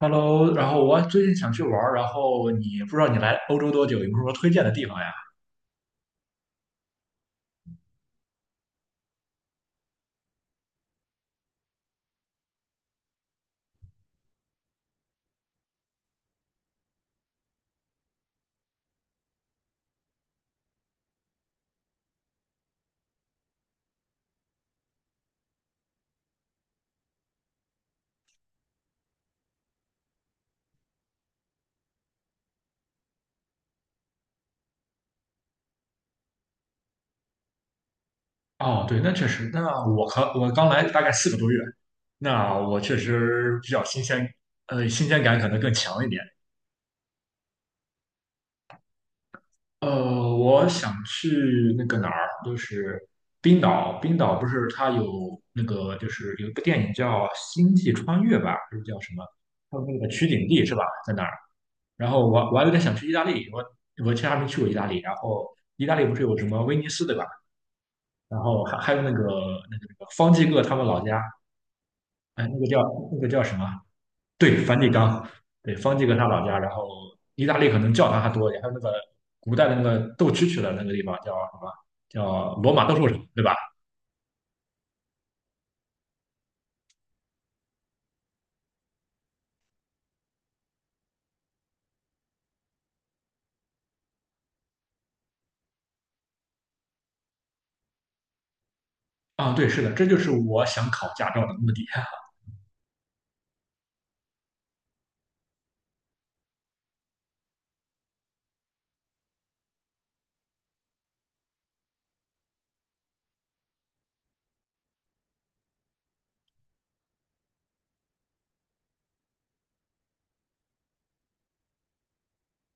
Hello，然后我最近想去玩儿，然后你不知道你来欧洲多久，有没有什么推荐的地方呀？哦，对，那确实，那我刚来大概4个多月，那我确实比较新鲜，新鲜感可能更强一点。我想去那个哪儿，就是冰岛不是它有那个就是有一部电影叫《星际穿越》吧，还是叫什么？它有那个取景地是吧？在哪儿。然后我还有点想去意大利，我其实还没去过意大利。然后意大利不是有什么威尼斯对吧？然后还有那个方济各他们老家，哎，那个叫什么？对，梵蒂冈，对，方济各他老家。然后意大利可能教堂还多一点，还有那个古代的那个斗蛐蛐的那个地方叫什么？叫罗马斗兽场，对吧？啊，对，是的，这就是我想考驾照的目的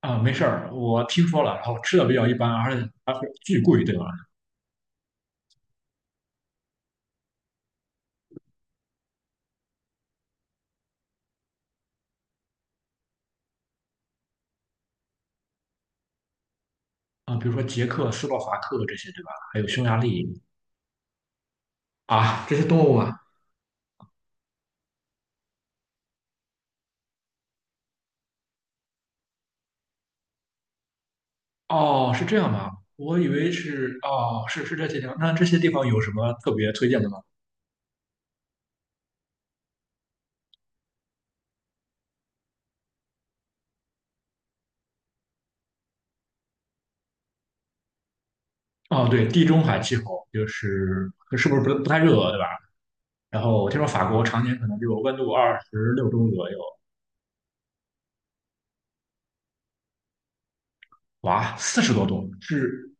啊。没事儿，我听说了，然后吃的比较一般，而且巨贵，对吧？啊、比如说捷克斯洛伐克这些，对吧？还有匈牙利啊，这些动物吗？哦，是这样吗？我以为是哦，是这些地方。那这些地方有什么特别推荐的吗？哦，对，地中海气候就是是不是不太热，对吧？然后我听说法国常年可能就温度26度左右，哇，40多度。是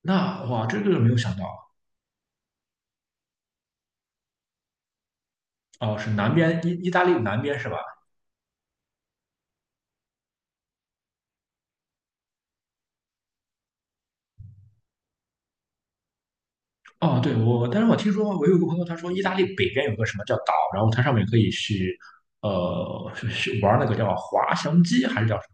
那哇，这个没有想到。哦，是南边意大利南边是吧？哦，对，我，但是我听说我有一个朋友，他说意大利北边有个什么叫岛，然后它上面可以去，去玩那个叫滑翔机还是叫什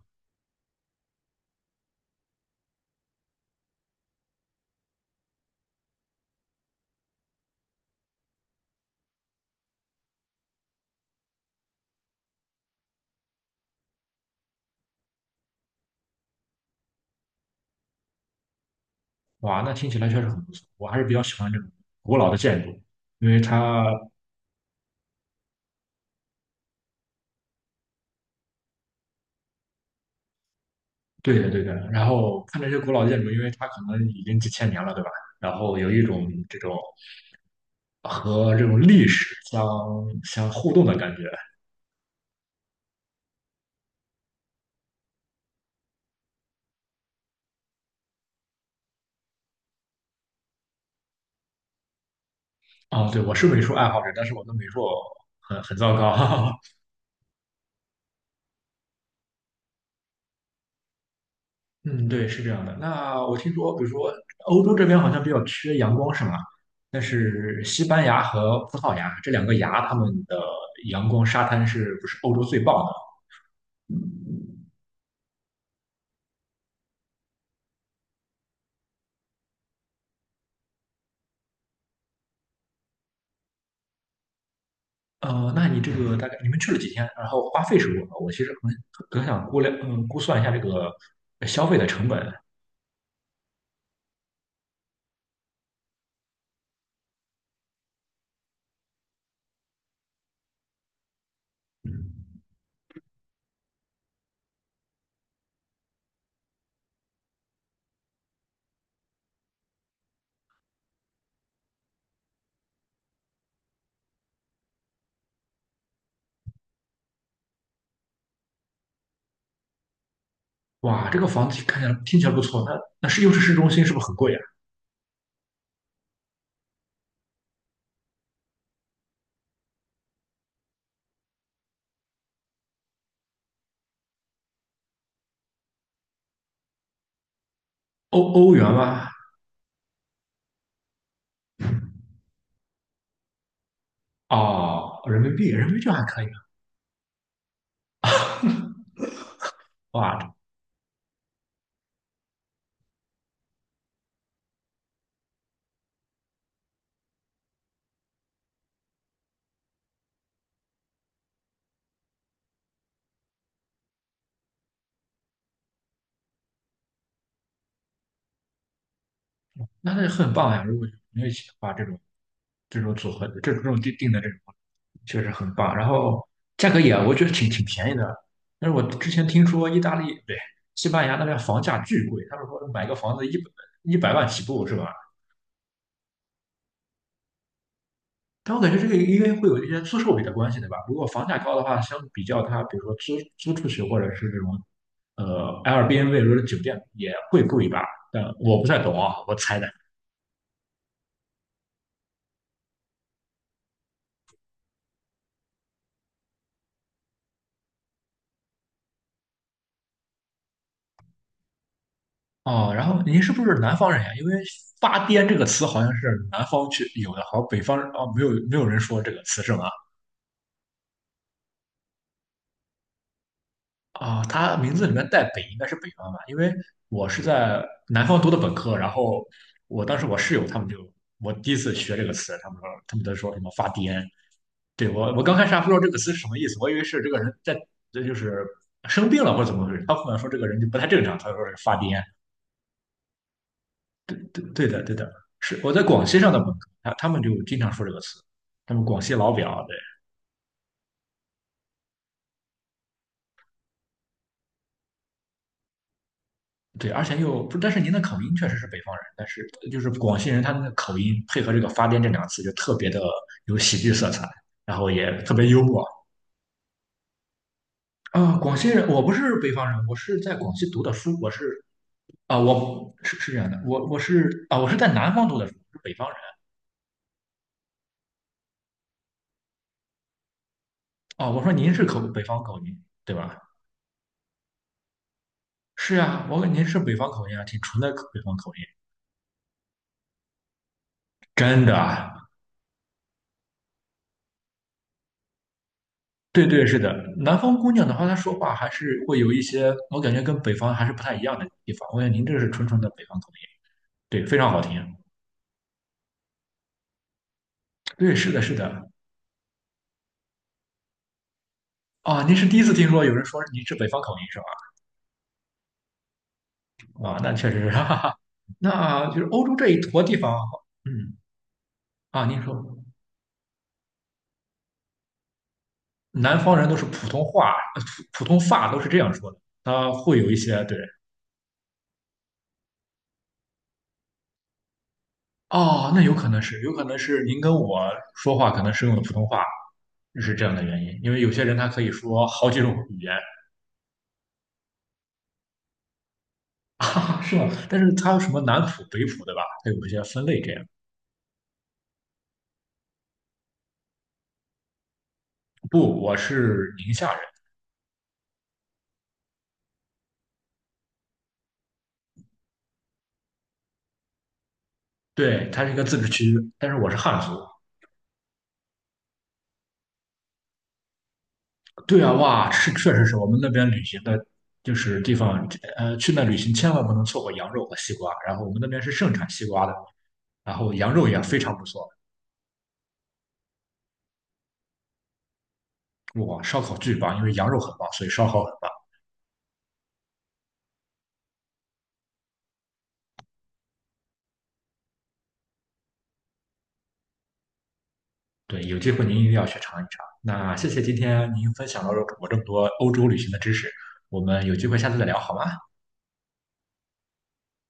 么？哇，那听起来确实很不错，我还是比较喜欢这种古老的建筑，因为它，对的对的，然后看这些古老建筑，因为它可能已经几千年了，对吧？然后有一种这种和这种历史相互动的感觉。啊、对，我是美术爱好者，但是我的美术很糟糕。嗯，对，是这样的。那我听说，比如说欧洲这边好像比较缺阳光，是吗？但是西班牙和葡萄牙这两个牙，他们的阳光沙滩是不是欧洲最棒的？那你这个大概你们去了几天？然后花费是多少？我其实很想估量，估算一下这个消费的成本。嗯哇，这个房子看起来听起来不错，那是又是市中心，是不是很贵啊？欧元吗？哦，人民币，人民币这还可以啊。哇，那很棒呀！如果你一起的话，这种组合，这种定的这种确实很棒。然后价格也我觉得挺便宜的，但是我之前听说意大利，不对，西班牙那边房价巨贵，他们说买个房子一百万起步是吧？但我感觉这个应该会有一些租售比的关系，对吧？如果房价高的话，相比较它，比如说租出去或者是这种Airbnb 或者酒店也会贵一吧？但我不太懂啊，我猜的。哦，然后您是不是南方人呀？因为“发癫”这个词好像是南方去有的，好像北方啊没有人说这个词是吗？啊，他名字里面带“北”，应该是北方吧？因为我是在南方读的本科，然后我当时我室友他们就我第一次学这个词，他们都说什么“发癫”，对我刚开始还不知道这个词是什么意思，我以为是这个人在这就是生病了或者怎么回事，他后来说这个人就不太正常，他说是发癫。对对对的对的，是我在广西上的本科，他们就经常说这个词，他们广西老表，对对，而且又不，但是您的口音确实是北方人，但是就是广西人他们的口音配合这个“发癫”这两个词，就特别的有喜剧色彩，然后也特别幽默。啊。广西人，我不是北方人，我是在广西读的书，我是啊，我是这样的，我是啊，我是在南方读的书，我是北方人。啊。我说您是北方口音对吧？是啊，我问您是北方口音啊，挺纯的北方口音，真的。对对，是的，南方姑娘的话，她说话还是会有一些，我感觉跟北方还是不太一样的地方。我感觉您这是纯纯的北方口音，对，非常好听。对，是的，是的。啊，您是第一次听说有人说您是北方口音是吧？啊，那确实是，哈哈哈。那就是欧洲这一坨地方，嗯，啊，您说南方人都是普通话，普通话都是这样说的，他会有一些对。哦，那有可能是您跟我说话可能是用的普通话，是这样的原因，因为有些人他可以说好几种语言，啊，是吧？但是他有什么南普、北普，对吧？他有一些分类这样。不，我是宁夏人，对，他是一个自治区，但是我是汉族。对啊，哇，确实是我们那边旅行的，就是地方，去那旅行千万不能错过羊肉和西瓜。然后我们那边是盛产西瓜的，然后羊肉也非常不错，哇，烧烤巨棒，因为羊肉很棒，所以烧烤很棒。对，有机会您一定要去尝一尝。那谢谢今天您分享了我这么多欧洲旅行的知识，我们有机会下次再聊好吗？